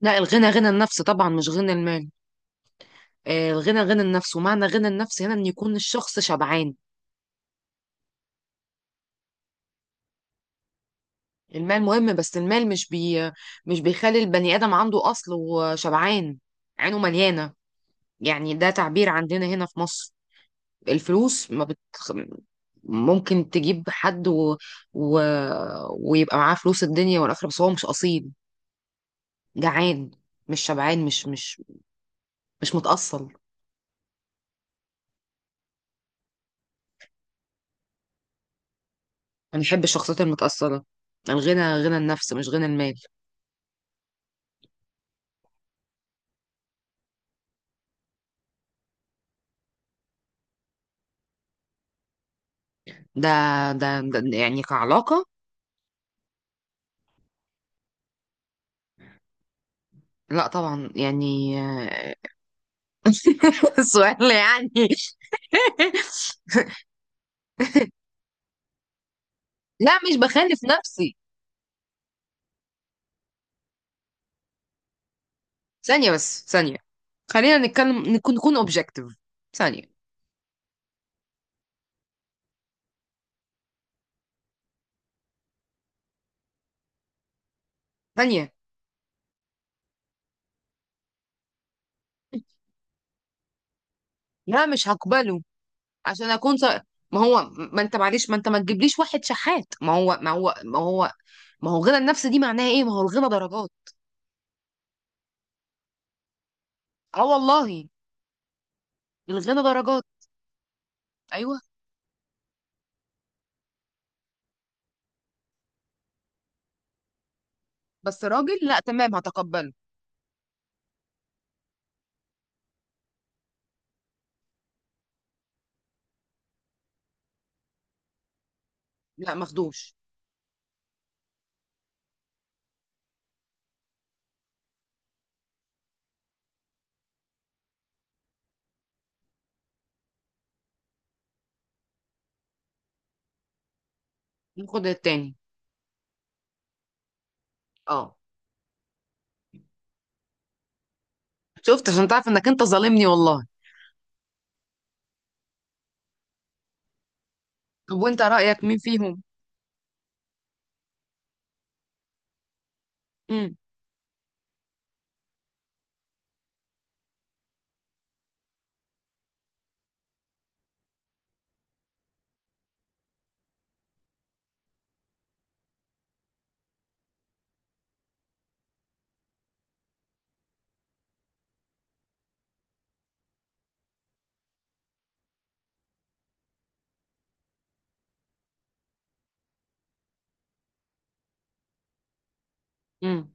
لا، الغنى غنى النفس طبعا مش غنى المال. الغنى غنى النفس ومعنى غنى النفس هنا ان يكون الشخص شبعان. المال مهم بس المال مش بيخلي البني ادم عنده اصل وشبعان. عينه مليانه. يعني ده تعبير عندنا هنا في مصر. الفلوس ما بت. ممكن تجيب حد. و... ويبقى معاه فلوس الدنيا والاخره بس هو مش اصيل. جعان. مش شبعان مش متأصل. انا بحب الشخصيات المتأصلة. الغنى غنى النفس مش غنى المال. ده ده يعني كعلاقة. لا طبعا يعني. سؤال يعني. لا مش بخالف نفسي. ثانية بس ثانية. خلينا نتكلم نكون اوبجكتيف. ثانية. ثانية. لا مش هقبله. عشان اكون. ما هو، ما انت معلش، ما انت ما تجيبليش واحد شحات. ما هو الغنى النفسي دي معناها ايه. ما هو الغنى درجات. اه والله. الغنى درجات. ايوه. بس راجل لا تمام هتقبله. لا ماخدوش. ناخد التاني. اه. شفت عشان تعرف انك انت ظالمني والله. طب وانت رأيك مين فيهم؟ امم. امم.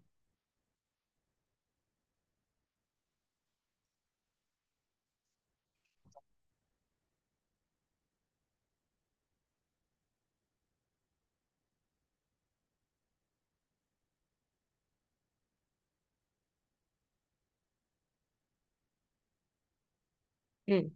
مم.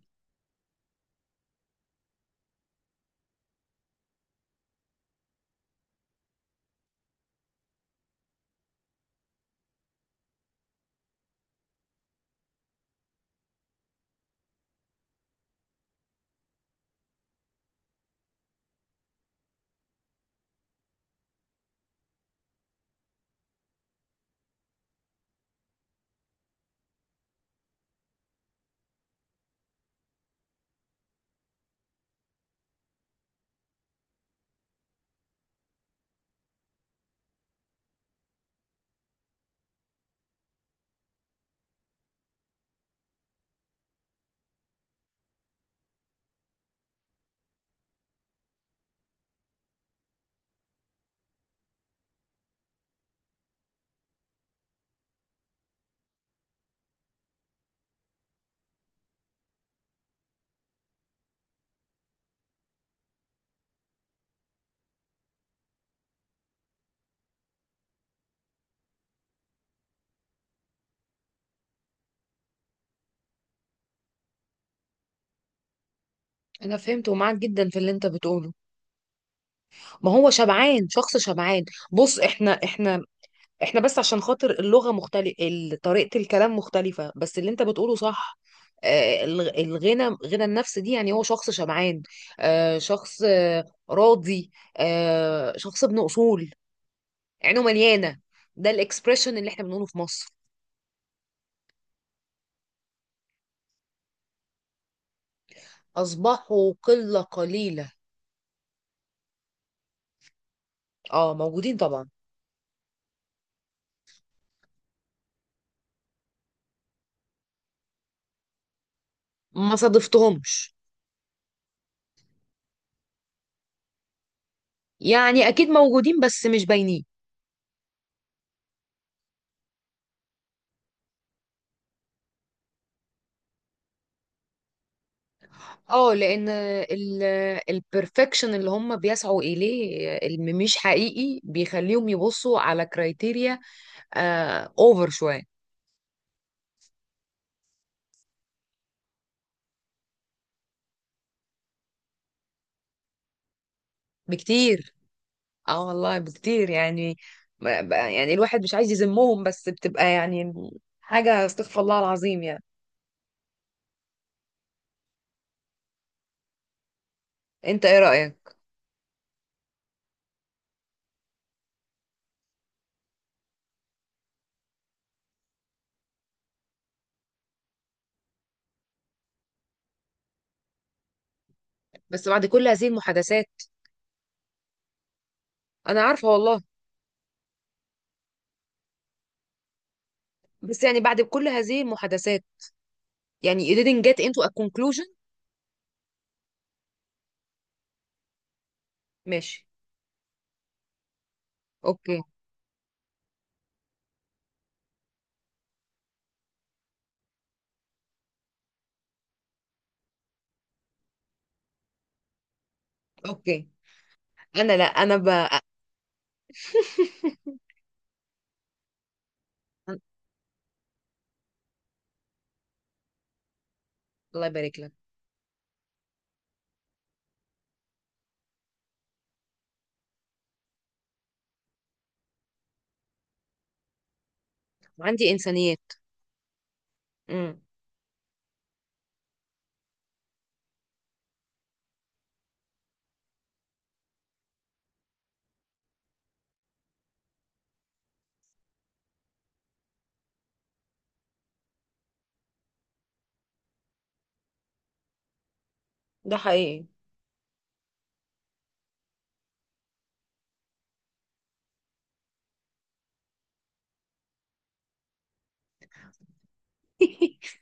انا فهمت ومعاك جدا في اللي انت بتقوله. ما هو شبعان، شخص شبعان. بص، احنا بس عشان خاطر اللغة مختلفة. طريقة الكلام مختلفة بس اللي انت بتقوله صح. الغنى غنى النفس دي يعني هو شخص شبعان. شخص. راضي. شخص ابن اصول. عينه مليانة. ده الاكسبريشن اللي احنا بنقوله في مصر. اصبحوا قلة قليلة. اه، موجودين طبعا. ما صادفتهمش. يعني اكيد موجودين بس مش باينين. اه، لان البرفكشن اللي هم بيسعوا اليه اللي مش حقيقي بيخليهم يبصوا على كرايتيريا اوفر شويه. بكتير. اه والله بكتير يعني. يعني الواحد مش عايز يذمهم بس بتبقى يعني حاجه استغفر الله العظيم يعني. انت ايه رايك؟ بس بعد كل هذه المحادثات. انا عارفه والله. بس يعني بعد كل هذه المحادثات. يعني you didn't get into a conclusion. ماشي. اوكي. اوكي. انا لا. الله يبارك لك. عندي انسانيات. امم. ده حقيقي.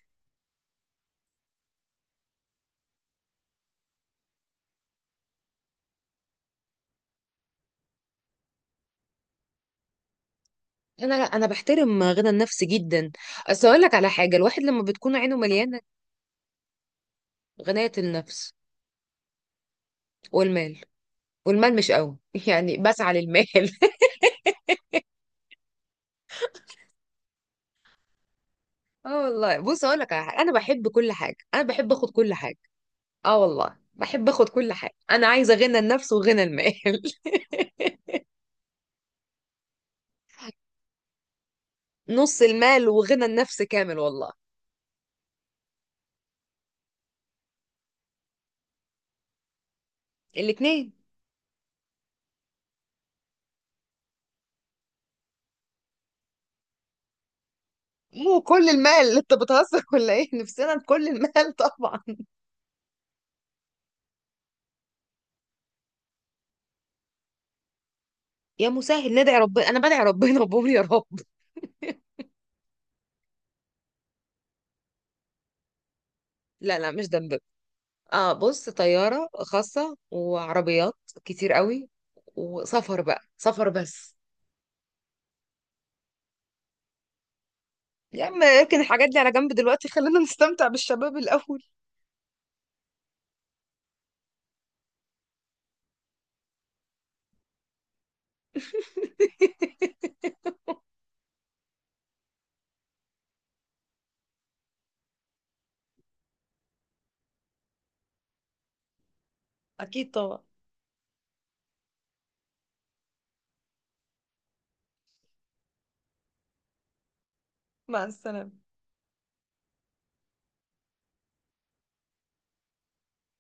انا، لا، انا بحترم غنى النفس جدا. اصل اقول لك على حاجه، الواحد لما بتكون عينه مليانه. غنايه النفس. والمال. والمال مش قوي. يعني بسعى للمال. اه والله بص اقول لك على حاجه، انا بحب كل حاجه، انا بحب اخد كل حاجه. اه والله بحب اخد كل حاجه، انا عايزه غنى النفس وغنى المال. نص المال وغنى النفس كامل والله. الاتنين. مو كل المال اللي انت بتهزر ولا ايه، نفسنا بكل المال. طبعا. يا مسهل، ندعي ربنا، انا بدعي ربنا وبقول يا رب. لا، لا، مش ذنب. اه بص، طياره خاصه وعربيات كتير قوي. وسفر بقى، سفر بس. يا عم اركن الحاجات دي على جنب دلوقتي، خلينا نستمتع بالشباب الاول. أكيد طبعا. مع السلامة.